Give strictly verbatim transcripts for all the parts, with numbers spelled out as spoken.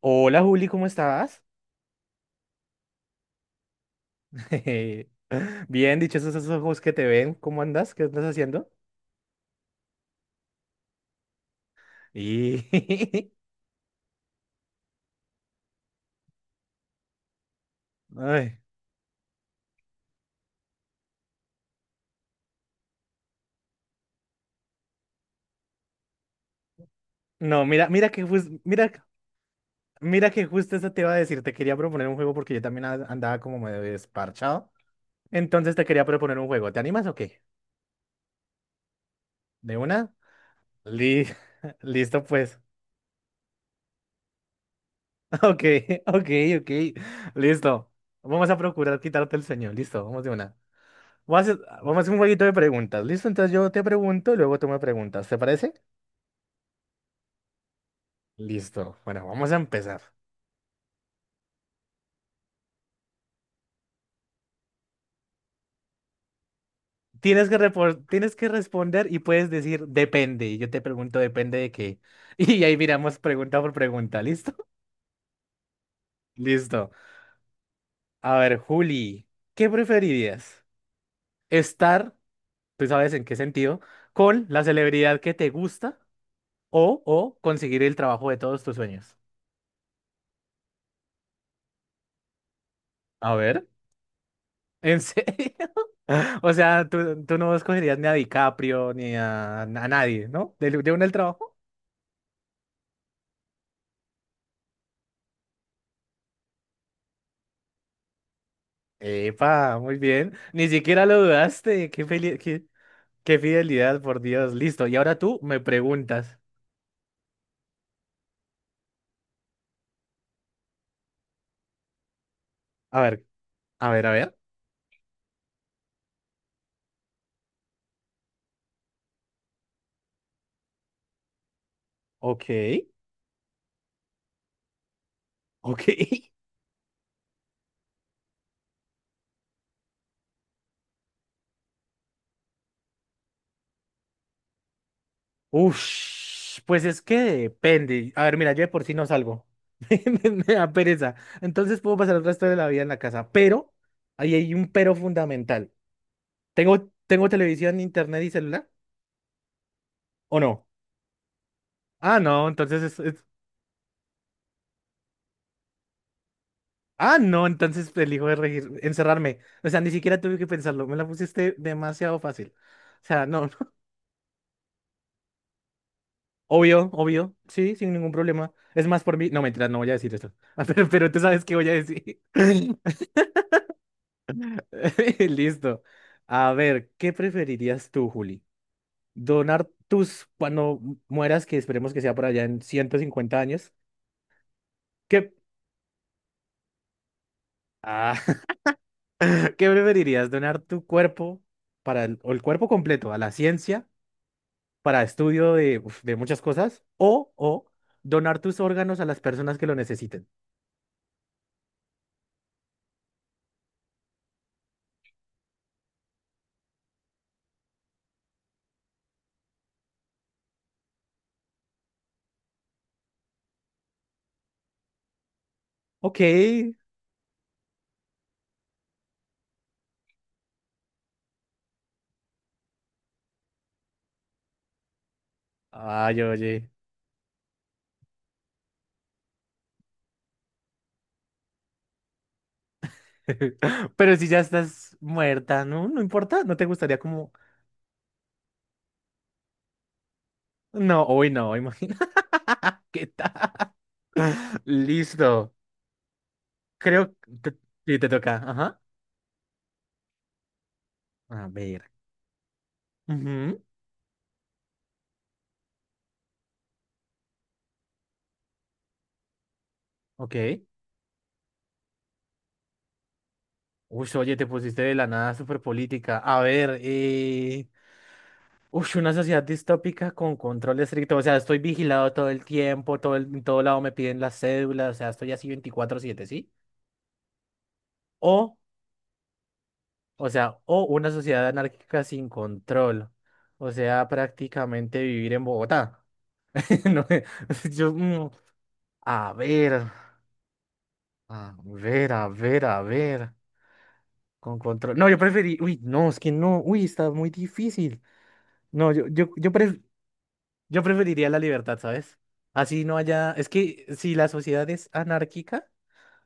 Hola Juli, ¿cómo estás? Bien, dichosos esos ojos que te ven, ¿cómo andas? ¿Qué estás haciendo? Y... Ay, no, mira, mira que justo, mira, mira que justo eso te iba a decir, te quería proponer un juego porque yo también a- andaba como medio desparchado. Entonces te quería proponer un juego, ¿te animas o qué? ¿De una? Li- Listo pues. Ok, ok, ok, listo. Vamos a procurar quitarte el sueño, listo, vamos de una. Vamos a hacer, vamos a hacer un jueguito de preguntas, ¿listo? Entonces yo te pregunto y luego tú me preguntas, ¿te parece? Listo. Bueno, vamos a empezar. Tienes que, repor- tienes que responder y puedes decir depende. Y yo te pregunto depende de qué. Y ahí miramos pregunta por pregunta. ¿Listo? Listo. A ver, Juli, ¿qué preferirías? ¿Estar, tú sabes en qué sentido, con la celebridad que te gusta o, o conseguir el trabajo de todos tus sueños? A ver, ¿en serio? O sea, tú, tú no escogerías ni a DiCaprio ni a, a nadie, ¿no? ¿De, de uno el trabajo? Epa, muy bien. Ni siquiera lo dudaste. Qué feli- qué, qué fidelidad, por Dios. Listo. Y ahora tú me preguntas. A ver, a ver, a ver. Ok, ok. Ush, pues es que depende. A ver, mira, yo de por sí no salgo. Me me da pereza. Entonces puedo pasar el resto de la vida en la casa. Pero, ahí hay un pero fundamental. ¿Tengo, tengo televisión, internet y celular? ¿O no? Ah, no, entonces es Ah, no, entonces elijo de regir- encerrarme. O sea, ni siquiera tuve que pensarlo. Me la pusiste demasiado fácil. O sea, no. Obvio, obvio. Sí, sin ningún problema. Es más, por mí. No, mentira, no voy a decir esto. Pero, pero tú sabes qué voy a decir. Listo. A ver, ¿qué preferirías tú, Juli? ¿Donar tus, cuando mueras, que esperemos que sea por allá en ciento cincuenta años? ¿Qué, ah, ¿qué preferirías? ¿Donar tu cuerpo para el, o el cuerpo completo a la ciencia, para estudio de, uf, de muchas cosas, o, o donar tus órganos a las personas que lo necesiten? Ok. Ay, oye. Pero si ya estás muerta, ¿no? No importa, ¿no te gustaría como...? No, hoy no, imagina qué tal. Listo. Creo que te, sí, te toca. Ajá. A ver. Ujú. Ok. Uy, oye, te pusiste de la nada súper política. A ver, eh... Uy, una sociedad distópica con control estricto. O sea, estoy vigilado todo el tiempo, todo el- en todo lado me piden las cédulas, o sea, estoy así veinticuatro siete, ¿sí? O o sea, o una sociedad anárquica sin control. O sea, prácticamente vivir en Bogotá. No, yo, mm, a ver, a ver, a ver, a ver. Con control. No, yo preferí. Uy, no, es que no. Uy, está muy difícil. No, yo, yo, yo, yo preferiría la libertad, ¿sabes? Así no haya, es que si la sociedad es anárquica,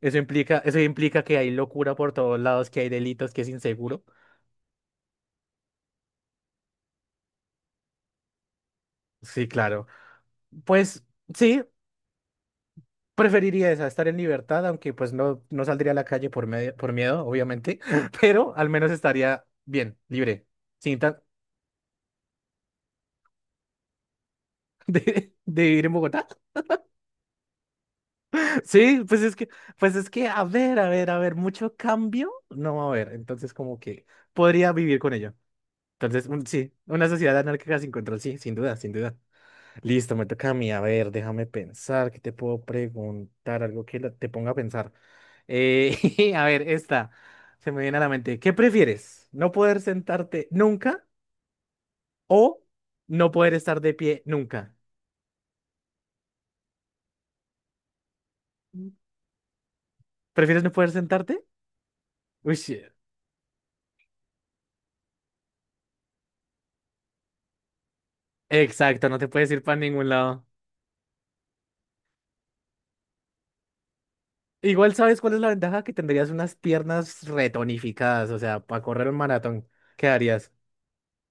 eso implica, eso implica que hay locura por todos lados, que hay delitos, que es inseguro. Sí, claro. Pues sí, preferiría esa, estar en libertad, aunque pues no, no saldría a la calle por medio, por miedo, obviamente, pero al menos estaría bien, libre, sin tan de, de vivir en Bogotá. Sí, pues es que, pues es que, a ver, a ver, a ver, mucho cambio no va a haber, entonces como que podría vivir con ello. Entonces, un- sí, una sociedad anárquica sin control, sí, sin duda, sin duda. Listo, me toca a mí. A ver, déjame pensar, ¿qué te puedo preguntar? Algo que la- te ponga a pensar. Eh, a ver, esta se me viene a la mente. ¿Qué prefieres? ¿No poder sentarte nunca o no poder estar de pie nunca? Mm. ¿Prefieres no poder sentarte? Uy, sí, exacto, no te puedes ir para ningún lado. Igual, ¿sabes cuál es la ventaja? Que tendrías unas piernas retonificadas, o sea, para correr un maratón, ¿qué harías?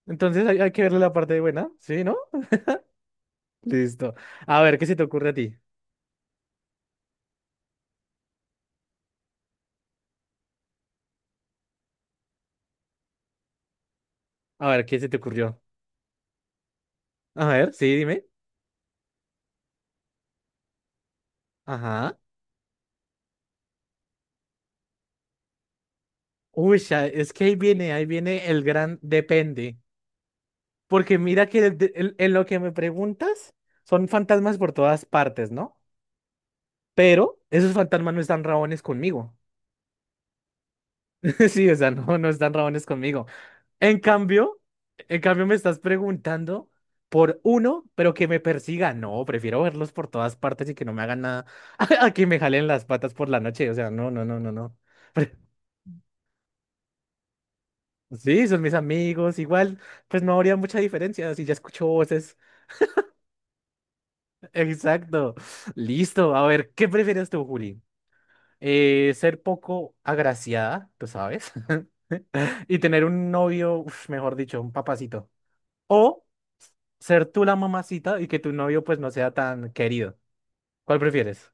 Entonces hay, hay que verle la parte buena, ¿sí, no? Listo. A ver, ¿qué se te ocurre a ti? A ver, ¿qué se te ocurrió? A ver, sí, dime. Ajá. Uy, ya, es que ahí viene, ahí viene el gran depende. Porque mira que el de- el- en lo que me preguntas, son fantasmas por todas partes, ¿no? Pero esos fantasmas no están rabones conmigo. Sí, o sea, no, no están rabones conmigo. En cambio, en cambio me estás preguntando por uno, pero que me persiga. No, prefiero verlos por todas partes y que no me hagan nada a que me jalen las patas por la noche. O sea, no, no, no, no, no. Pre- Sí, son mis amigos. Igual, pues no habría mucha diferencia si ya escucho voces. Exacto. Listo. A ver, ¿qué prefieres tú, Juli? Eh, ser poco agraciada, tú sabes, y tener un novio, uf, mejor dicho, un papacito. O ser tú la mamacita y que tu novio pues no sea tan querido. ¿Cuál prefieres?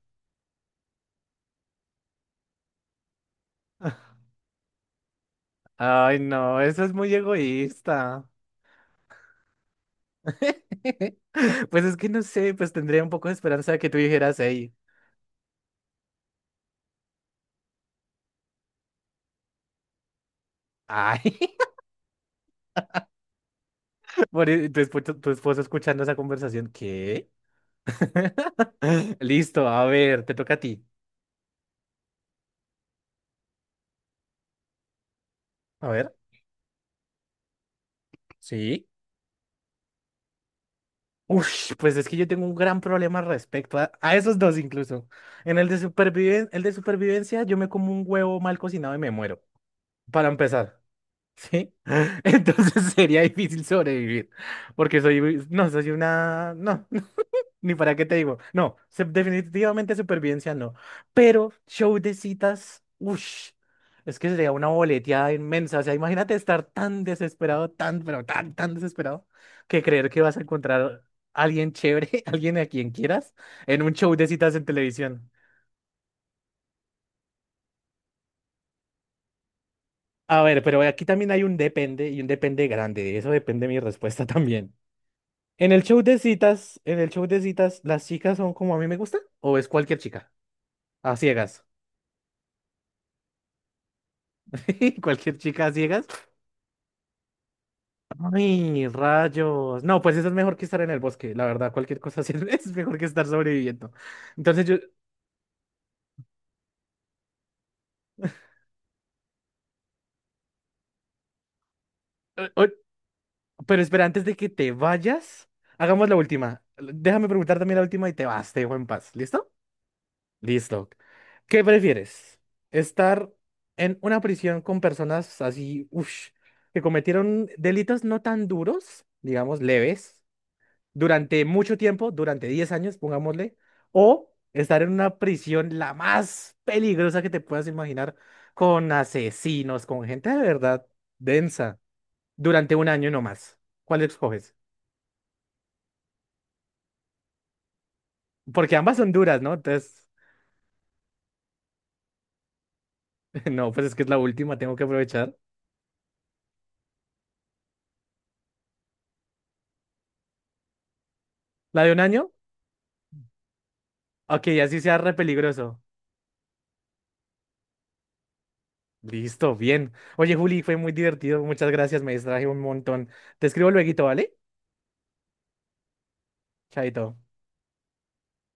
Ay, no, eso es muy egoísta. Pues es que no sé, pues tendría un poco de esperanza de que tú dijeras, hey, ay, por e- tu esposo, tu esposo escuchando esa conversación, ¿qué? Listo, a ver, te toca a ti. A ver, sí. Uf, pues es que yo tengo un gran problema respecto a, a esos dos incluso. En el de superviven, el de supervivencia, yo me como un huevo mal cocinado y me muero, para empezar, ¿sí? Entonces sería difícil sobrevivir, porque soy, muy- no, soy una, no, ni para qué te digo, no, se- definitivamente supervivencia no, pero show de citas, uff, es que sería una boleteada inmensa, o sea, imagínate estar tan desesperado, tan, pero tan, tan desesperado, que creer que vas a encontrar a alguien chévere, alguien a quien quieras, en un show de citas en televisión. A ver, pero aquí también hay un depende y un depende grande, de eso depende mi respuesta también. En el show de citas, en el show de citas, ¿las chicas son como a mí me gusta? ¿O es cualquier chica? A ciegas. ¿Cualquier chica a ciegas? Ay, rayos. No, pues eso es mejor que estar en el bosque, la verdad. Cualquier cosa así es mejor que estar sobreviviendo. Entonces yo... eh, eh, pero espera, antes de que te vayas, hagamos la última. Déjame preguntar también la última y te vas, te dejo en paz. ¿Listo? Listo. ¿Qué prefieres? ¿Estar en una prisión con personas así, uff, que cometieron delitos no tan duros, digamos, leves, durante mucho tiempo, durante diez años, pongámosle, o estar en una prisión, la más peligrosa que te puedas imaginar, con asesinos, con gente de verdad densa, durante un año nomás? ¿Cuál escoges? Porque ambas son duras, ¿no? Entonces, no, pues es que es la última, tengo que aprovechar. ¿La de un año? Ok, así sea re peligroso. Listo, bien. Oye, Juli, fue muy divertido. Muchas gracias, me distraje un montón. Te escribo lueguito, ¿vale? Chaito.